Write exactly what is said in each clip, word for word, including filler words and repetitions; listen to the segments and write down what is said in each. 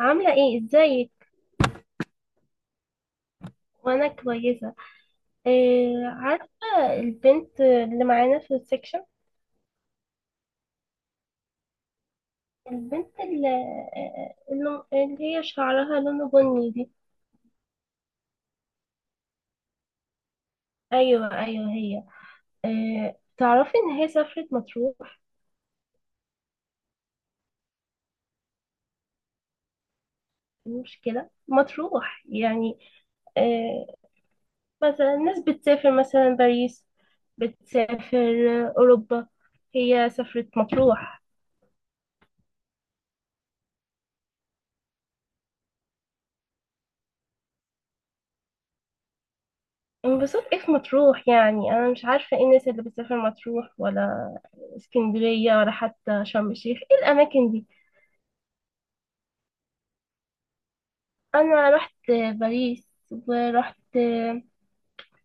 عاملة ايه ازيك. وانا كويسة. إيه عارفة، البنت اللي معانا في السكشن، البنت اللي, آه، اللي اللي هي شعرها لونه بني دي. ايوه ايوه هي. إيه تعرفي ان هي سافرت مطروح. إيه المشكلة مطروح يعني؟ إيه، مثلا الناس بتسافر مثلا باريس، بتسافر اوروبا، هي سافرت مطروح. انبسطت ايه في مطروح يعني، انا مش عارفه ايه الناس اللي بتسافر مطروح ولا اسكندريه ولا حتى شرم الشيخ ايه الاماكن دي. انا رحت باريس، ورحت،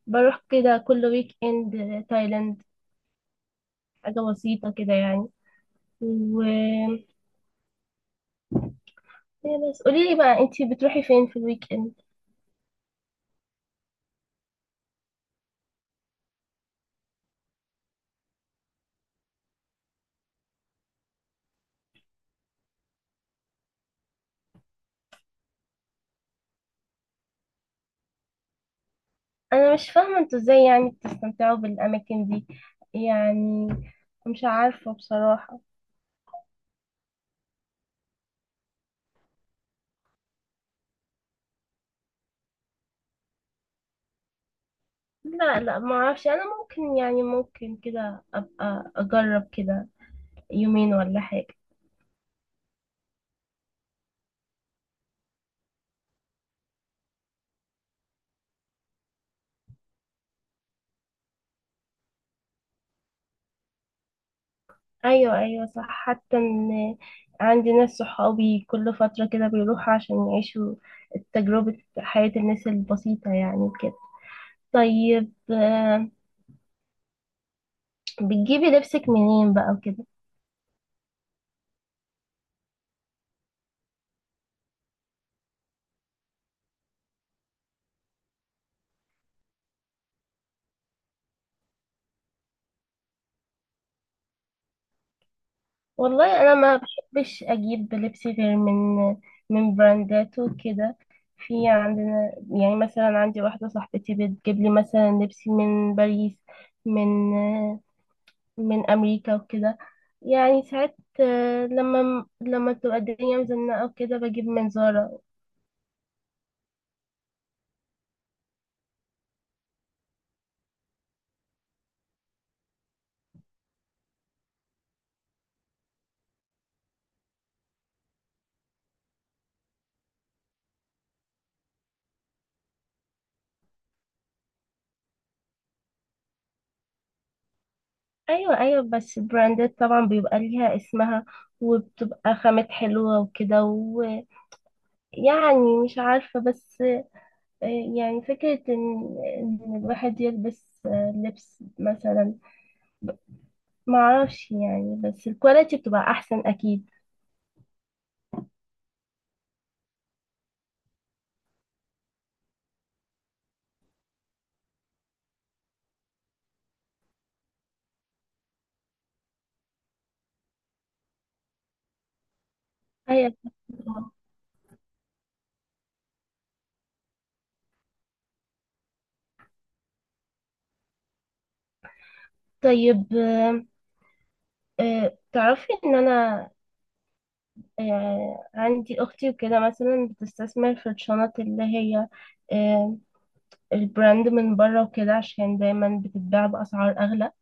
بروح كده كل ويك اند تايلاند، حاجه بسيطه كده يعني. و، إيه بس قولي لي بقى انتي بتروحي فين في الويك اند؟ انا مش فاهمه انتوا ازاي يعني بتستمتعوا بالاماكن دي يعني، مش عارفه بصراحه. لا لا ما اعرفش، انا ممكن يعني ممكن كده ابقى اجرب كده يومين ولا حاجة. ايوه ايوه صح، حتى ان عندي ناس صحابي كل فترة كده بيروحوا عشان يعيشوا تجربة حياة الناس البسيطة يعني كده. طيب آه، بتجيبي لبسك منين بقى وكده؟ والله انا ما بحبش اجيب لبس غير من من براندات وكده. في عندنا يعني مثلا عندي واحده صاحبتي بتجيب لي مثلا لبس من باريس، من من امريكا وكده. يعني ساعات آه، لما لما بتبقى الدنيا مزنقه وكده بجيب من زارا. ايوه ايوه بس براندات طبعا بيبقى ليها اسمها، وبتبقى خامات حلوه وكده. ويعني مش عارفه بس، يعني فكرة إن إن الواحد يلبس آه، لبس مثلا، معرفش يعني، بس الكواليتي بتبقى أحسن أكيد. أيوة. طيب آه، آه، تعرفي إن أنا آه، عندي أختي وكده مثلا بتستثمر في الشنط اللي هي آه، البراند من بره وكده عشان دايما بتتباع بأسعار أغلى.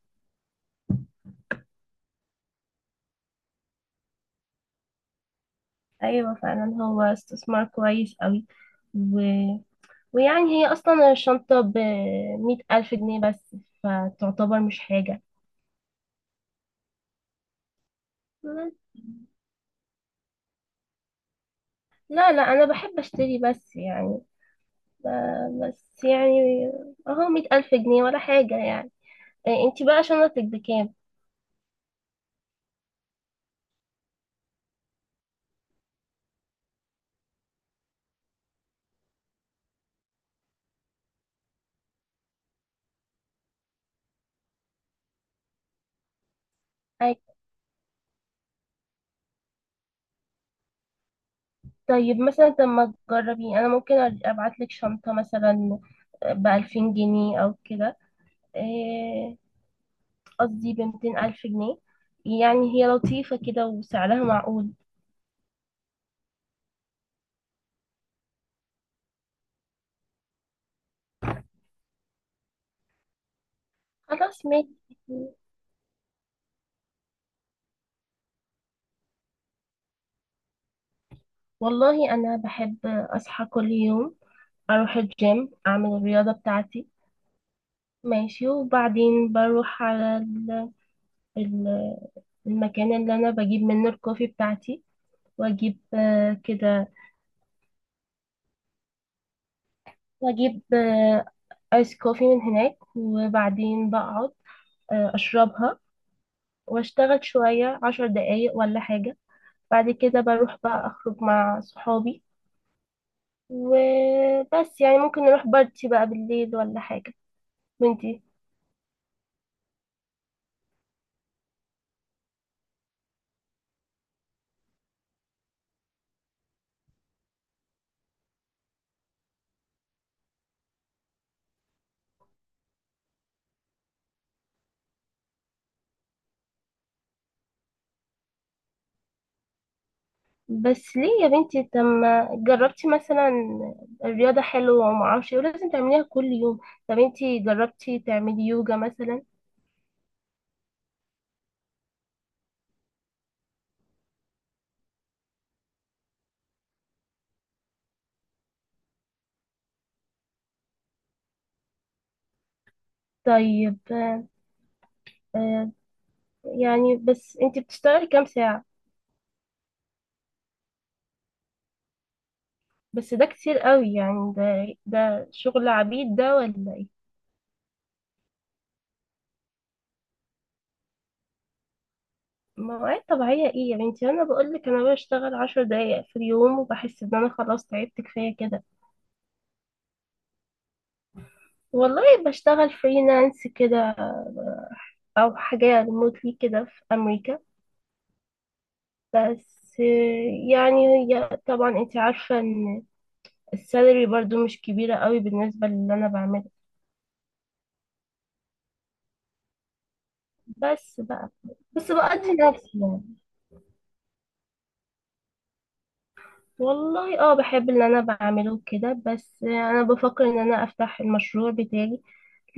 أيوة فعلا، هو استثمار كويس أوي. ويعني هي أصلا الشنطة بمية ألف جنيه بس، فتعتبر مش حاجة. لا لا أنا بحب أشتري بس يعني، ب- بس يعني أهو مية ألف جنيه ولا حاجة يعني. إيه، انتي بقى شنطتك بكام؟ أي- طيب مثلا، طب ما تجربي، أنا ممكن أبعتلك شنطة مثلا بألفين جنيه أو كده. إيه، قصدي بمتين ألف جنيه، يعني هي لطيفة كده وسعرها معقول. خلاص ماشي. والله أنا بحب أصحى كل يوم، أروح الجيم أعمل الرياضة بتاعتي، ماشي، وبعدين بروح على ال- ال- المكان اللي أنا بجيب منه الكوفي بتاعتي، وأجيب آه، كده، وأجيب آه، آيس كوفي من هناك، وبعدين بقعد آه، أشربها، وأشتغل شوية عشر دقايق ولا حاجة. بعد كده بروح بقى أخرج مع صحابي. وبس يعني ممكن نروح بارتي بقى بالليل ولا حاجة. وانتي؟ بس ليه يا بنتي، طب ما جربتي مثلا، الرياضة حلوة وما اعرفش ايه، ولازم تعمليها كل يوم. طب انتي جربتي تعملي يوجا مثلا؟ طيب آه، آه، يعني بس انتي بتشتغلي كام ساعة؟ بس ده كتير قوي يعني، ده ده شغل عبيد ده ولا ايه؟ مواعيد طبيعية ايه يا بنتي، انا بقولك انا بشتغل عشر دقايق في اليوم وبحس ان انا خلاص تعبت كفاية كده. والله بشتغل فريلانس كده، او حاجة ريموتلي كده في امريكا بس، يعني هي طبعا انت عارفة ان السالري برضو مش كبيرة قوي بالنسبة للي انا بعمله، بس بقى، بس بقضي نفسي يعني. والله اه بحب اللي انا بعمله كده، بس انا بفكر ان انا افتح المشروع بتاعي،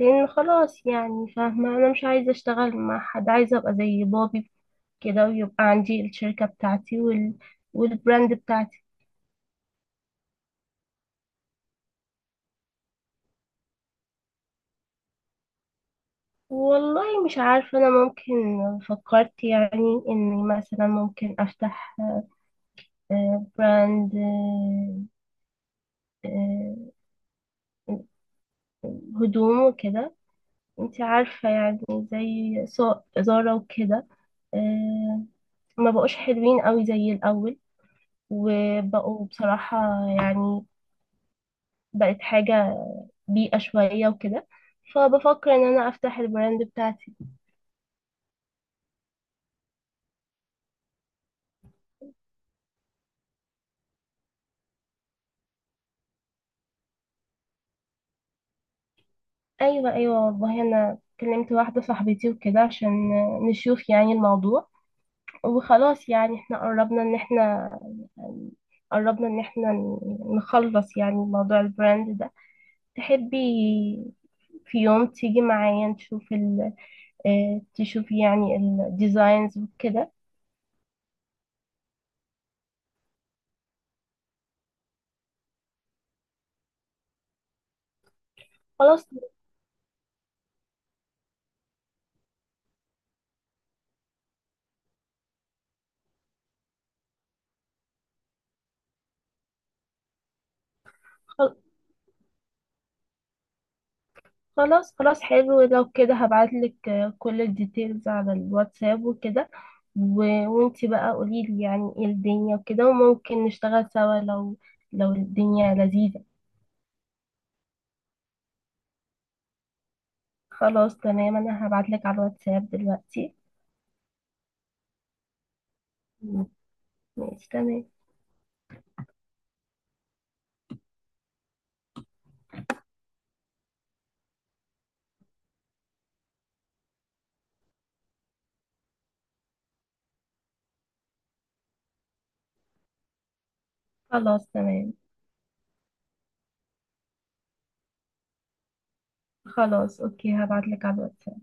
لان خلاص يعني فاهمة، انا مش عايزة اشتغل مع حد، عايزة ابقى زي بابي كده، ويبقى عندي الشركة بتاعتي، وال... والبراند بتاعتي. والله مش عارفة، أنا ممكن فكرت يعني إني مثلا ممكن أفتح آه، براند آه، آه، هدوم وكده، انت عارفة يعني، زي سو- زارا وكده آه، ما بقوش حلوين قوي زي الأول، وبقوا بصراحة يعني، بقت حاجة بيئة شوية وكده، فبفكر ان انا افتح البراند بتاعتي. ايوه ايوه والله انا كلمت واحدة صاحبتي وكده عشان نشوف يعني الموضوع، وخلاص يعني احنا قربنا ان احنا، قربنا ان احنا نخلص يعني موضوع البراند ده. تحبي في يوم تيجي معايا نشوف ال، آه، تشوفي يعني الديزاينز وكده؟ خلاص. خل- خلاص خلاص حلو، لو كده هبعتلك آه، كل الديتيلز على الواتساب وكده. و- وانتي بقى قوليلي يعني ايه الدنيا وكده، وممكن نشتغل سوا لو، لو الدنيا لذيذة. خلاص تمام، انا هبعتلك على الواتساب دلوقتي. مم. ماشي تمام. خلاص تمام. خلاص اوكي هبعتلك على الواتساب.